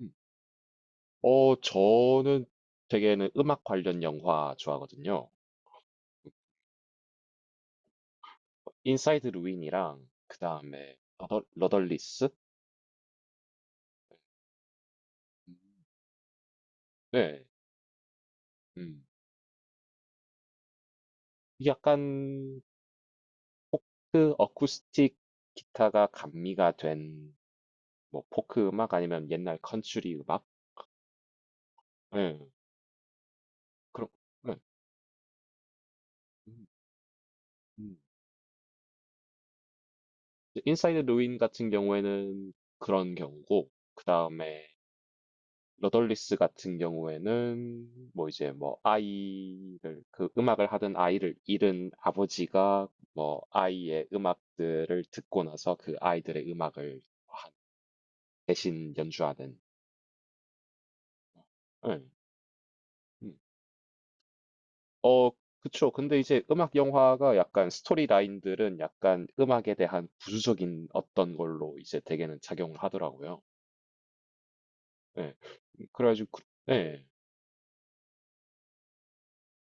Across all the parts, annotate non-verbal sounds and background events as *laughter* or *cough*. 음. 저는 되게는 음악 관련 영화 좋아하거든요. 인사이드 루인이랑 그다음에 러 러덜리스? 음. 네. 음. 약간 포크 어쿠스틱 기타가 감미가 된 뭐 포크 음악 아니면 옛날 컨츄리 음악? 네. 그런 네. 음. 음. 인사이드 루인 같은 경우에는 그런 경우고 그다음에 러덜리스 같은 경우에는 뭐 이제 뭐 아이를 그 음악을 하던 아이를 잃은 아버지가 뭐 아이의 음악들을 듣고 나서 그 아이들의 음악을 하- 대신 연주하는. 응. 음. 어, 그쵸. 근데 이제 음악 영화가 약간 스토리 라인들은 약간 음악에 대한 부수적인 어떤 걸로 이제 대개는 작용을 하더라고요. 예. 그래가지고, 네,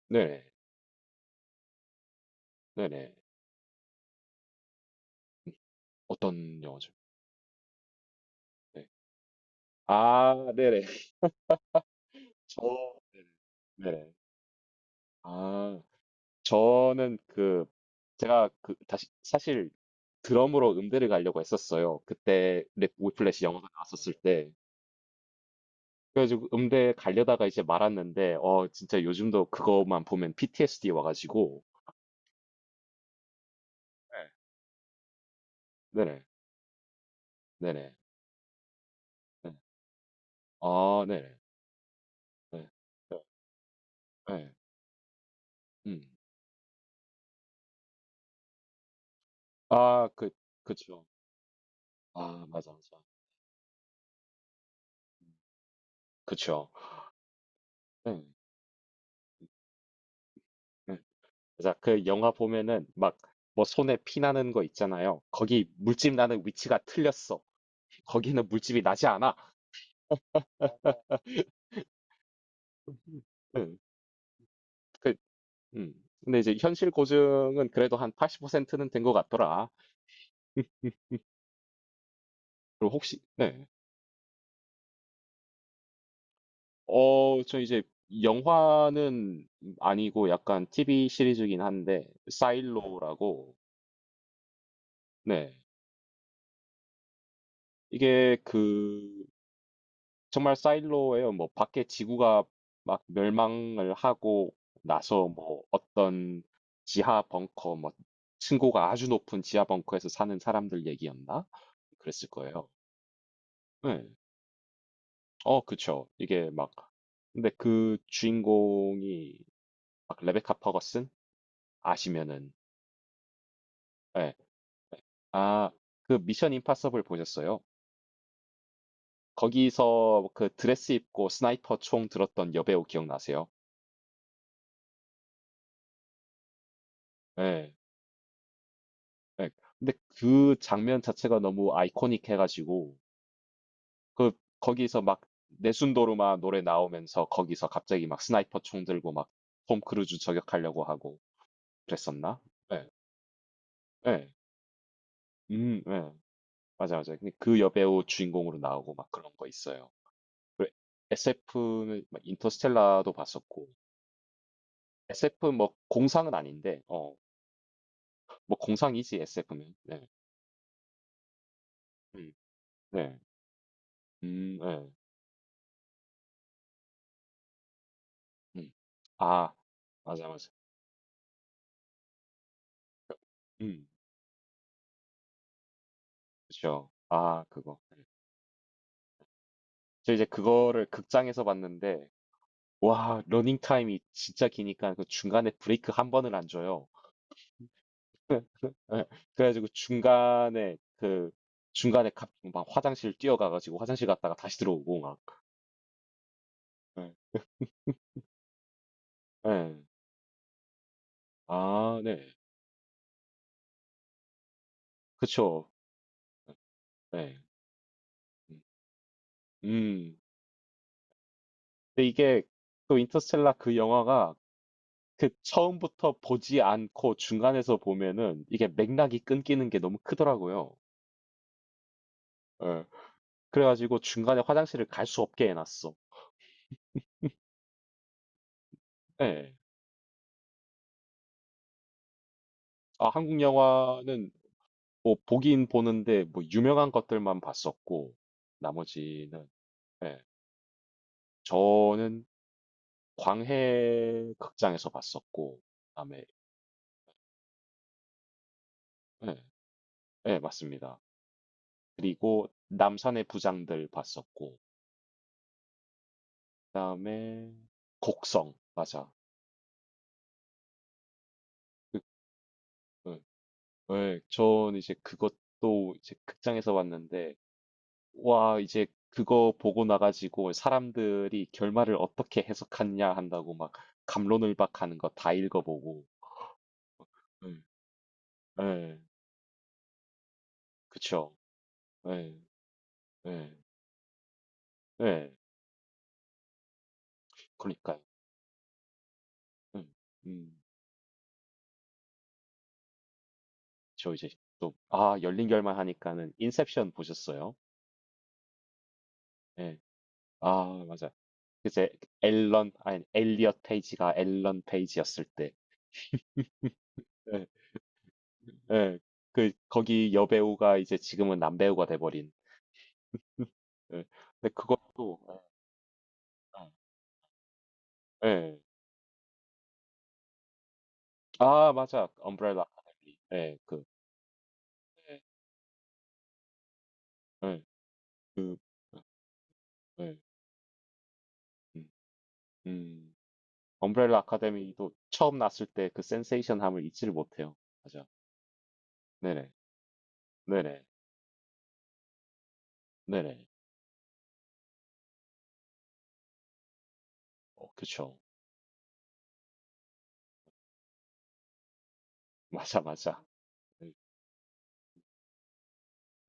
네네, 네네. 어떤 영화죠? 네. 아, 네네. 저 네네. 네네. 아 저는 그 제가 그 다시 사실 드럼으로 음대를 가려고 했었어요. 그때 랩 위플래시 영어가 나왔었을 때. 그래가지고 음대 가려다가 이제 말았는데 진짜 요즘도 그것만 보면 PTSD 와가지고. 네. 네네. 네네. 네. 아 네네. 네. 네. 네. 음. 아 그. 그쵸. 아 맞아 맞아. 음. 그쵸. 네. 네. 그래서 그 영화 보면은 막 뭐 손에 피 나는 거 있잖아요. 거기 물집 나는 위치가 틀렸어. 거기는 물집이 나지 않아. *laughs* 응, 그, 음. 근데 이제 현실 고증은 그래도 한 80%는 된 것 같더라. *laughs* 그리고 혹시, 네. 어, 저 이제 영화는 아니고 약간 TV 시리즈긴 한데, 사일로라고, 네. 이게 그 정말 사일로예요. 뭐 밖에 지구가 막 멸망을 하고 나서 뭐 어떤 지하 벙커 뭐 층고가 아주 높은 지하 벙커에서 사는 사람들 얘기였나? 그랬을 거예요. 네. 어 그쵸. 이게 막 근데 그 주인공이 막 레베카 퍼거슨 아시면은. 예. 아 그 미션 임파서블 보셨어요? 거기서 그 드레스 입고 스나이퍼 총 들었던 여배우 기억나세요? 예. 네. 근데 그 장면 자체가 너무 아이코닉 해가지고 그 거기서 막 내순도르마 노래 나오면서 거기서 갑자기 막 스나이퍼 총 들고 막 톰 크루즈 저격하려고 하고. 그랬었나? 네. 네. 네. 맞아, 맞아. 근데 그 여배우 주인공으로 나오고 막 그런 거 있어요. SF는 인터스텔라도 봤었고 SF 뭐 공상은 아닌데 어 뭐 공상이지 SF는. 네, 음, 네, 네, 음, 아 맞아 맞아. 음. 그쵸. 아 그거. 저 이제 그거를 극장에서 봤는데 와 러닝 타임이 진짜 기니까 그 중간에 브레이크 한 번을 안 줘요. *laughs* 예. 그래 가지고 중간에 그 중간에 갑 막 화장실 뛰어가 가지고 화장실 갔다가 다시 들어오고 막. 예. 예. 아 네. 그쵸. 네. 음. 음. 근데 이게 또 인터스텔라 그 영화가 그 처음부터 보지 않고 중간에서 보면은 이게 맥락이 끊기는 게 너무 크더라고요. 예. 그래 가지고 중간에 화장실을 갈 수 없게 해 놨어. 예. 아 한국 영화는 뭐 보긴 보는데 뭐 유명한 것들만 봤었고 나머지는. 예. 저는 광해 극장에서 봤었고 그다음에. 예. 예 맞습니다. 그리고 남산의 부장들 봤었고 그다음에 곡성 맞아. 그 예. 예. 전 이제 그것도 이제 극장에서 봤는데 와, 이제 그거 보고 나가지고 사람들이 결말을 어떻게 해석하냐 한다고 막 감론을박하는 거 다 읽어보고. 음. 예, 그쵸. 예, 예, 예. 그러니까요. 음, 음. 저 이제 또, 아, 열린 결말 하니까는 인셉션 보셨어요? 예. 아, 맞아. 그제 앨런, 아니, 엘리엇 페이지가 앨런 페이지였을 때. 예, 예. 그, 거기 여배우가 이제 지금은 남배우가 돼버린. 예. 근데 그것도, 예, 예. 아 맞아. 엄브렐라 아카데미. 예. 그 네. 예. 그 예. 음. 음. 엄브렐라 아카데미도 처음 났을 때 그 센세이션함을 잊지를 못해요. 맞아. 네네. 네네. 네네. 어 그쵸. *laughs* 맞아, 맞아. 네.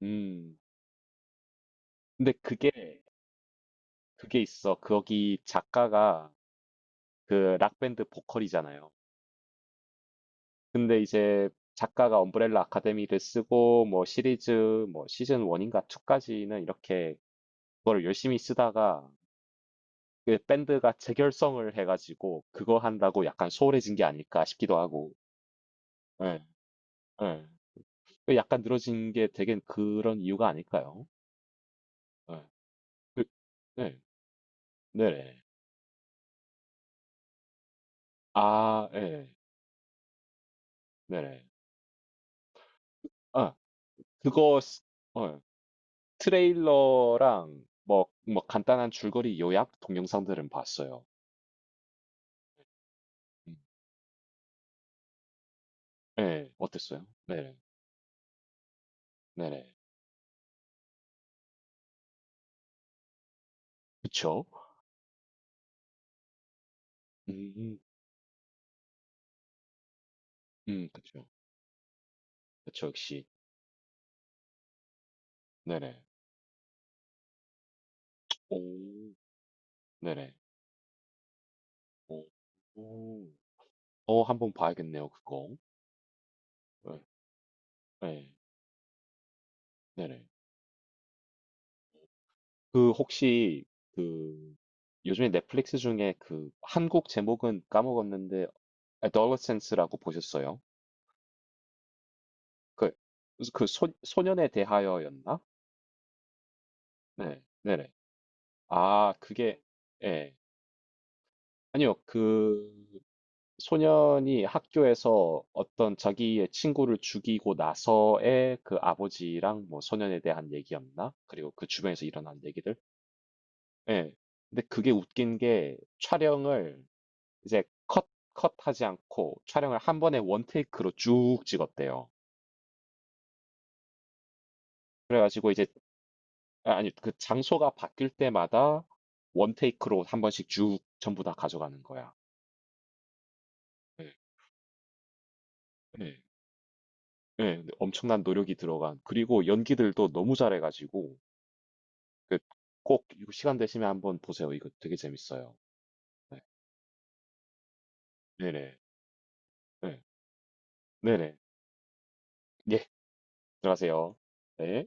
음. 근데 그게 그게 있어. 거기 작가가 그 락 밴드 보컬이잖아요. 근데 이제 작가가 엄브렐라 아카데미를 쓰고 뭐 시리즈 뭐 시즌 1 인가 2 까지는 이렇게 그거를 열심히 쓰다가 그 밴드가 재결성을 해 가지고 그거 한다고 약간 소홀해진 게 아닐까 싶기도 하고. 예. 예. 그 약간 늘어진 게 되게 그런 이유가 아닐까요? 예. 그 네. 네네. 아 예. 네네. 아 그거 스 어 트레일러랑 뭐 뭐 간단한 줄거리 요약 동영상들은 봤어요. 음. 예. 어땠어요? 네네. 네네. 그쵸. 음. 음. 그쵸. 그쵸. 역시. 네네. 오. 네네. 오. 오. 어 한번 봐야겠네요 그거. 네. 네, 네네. 그 혹시 그 요즘에 넷플릭스 중에 그 한국 제목은 까먹었는데 Adolescence라고 보셨어요? 그 그 소 소년에 대하여였나? 네. 네네. 아 그게 예. 아니요. 그 소년이 학교에서 어떤 자기의 친구를 죽이고 나서의 그 아버지랑 뭐 소년에 대한 얘기였나? 그리고 그 주변에서 일어난 얘기들. 예. 근데 그게 웃긴 게 촬영을 이제 컷하지 않고 촬영을 한 번에 원테이크로 쭉 찍었대요. 그래가지고 이제 아, 아니 그 장소가 바뀔 때마다 원테이크로 한 번씩 쭉 전부 다 가져가는 거야. 예. 예. 예. 엄청난 노력이 들어간. 그리고 연기들도 너무 잘해가지고 그 꼭 이거 시간 되시면 한번 보세요. 이거 되게 재밌어요. 네. 네네. 네. 네네. 예. 들어가세요. 네.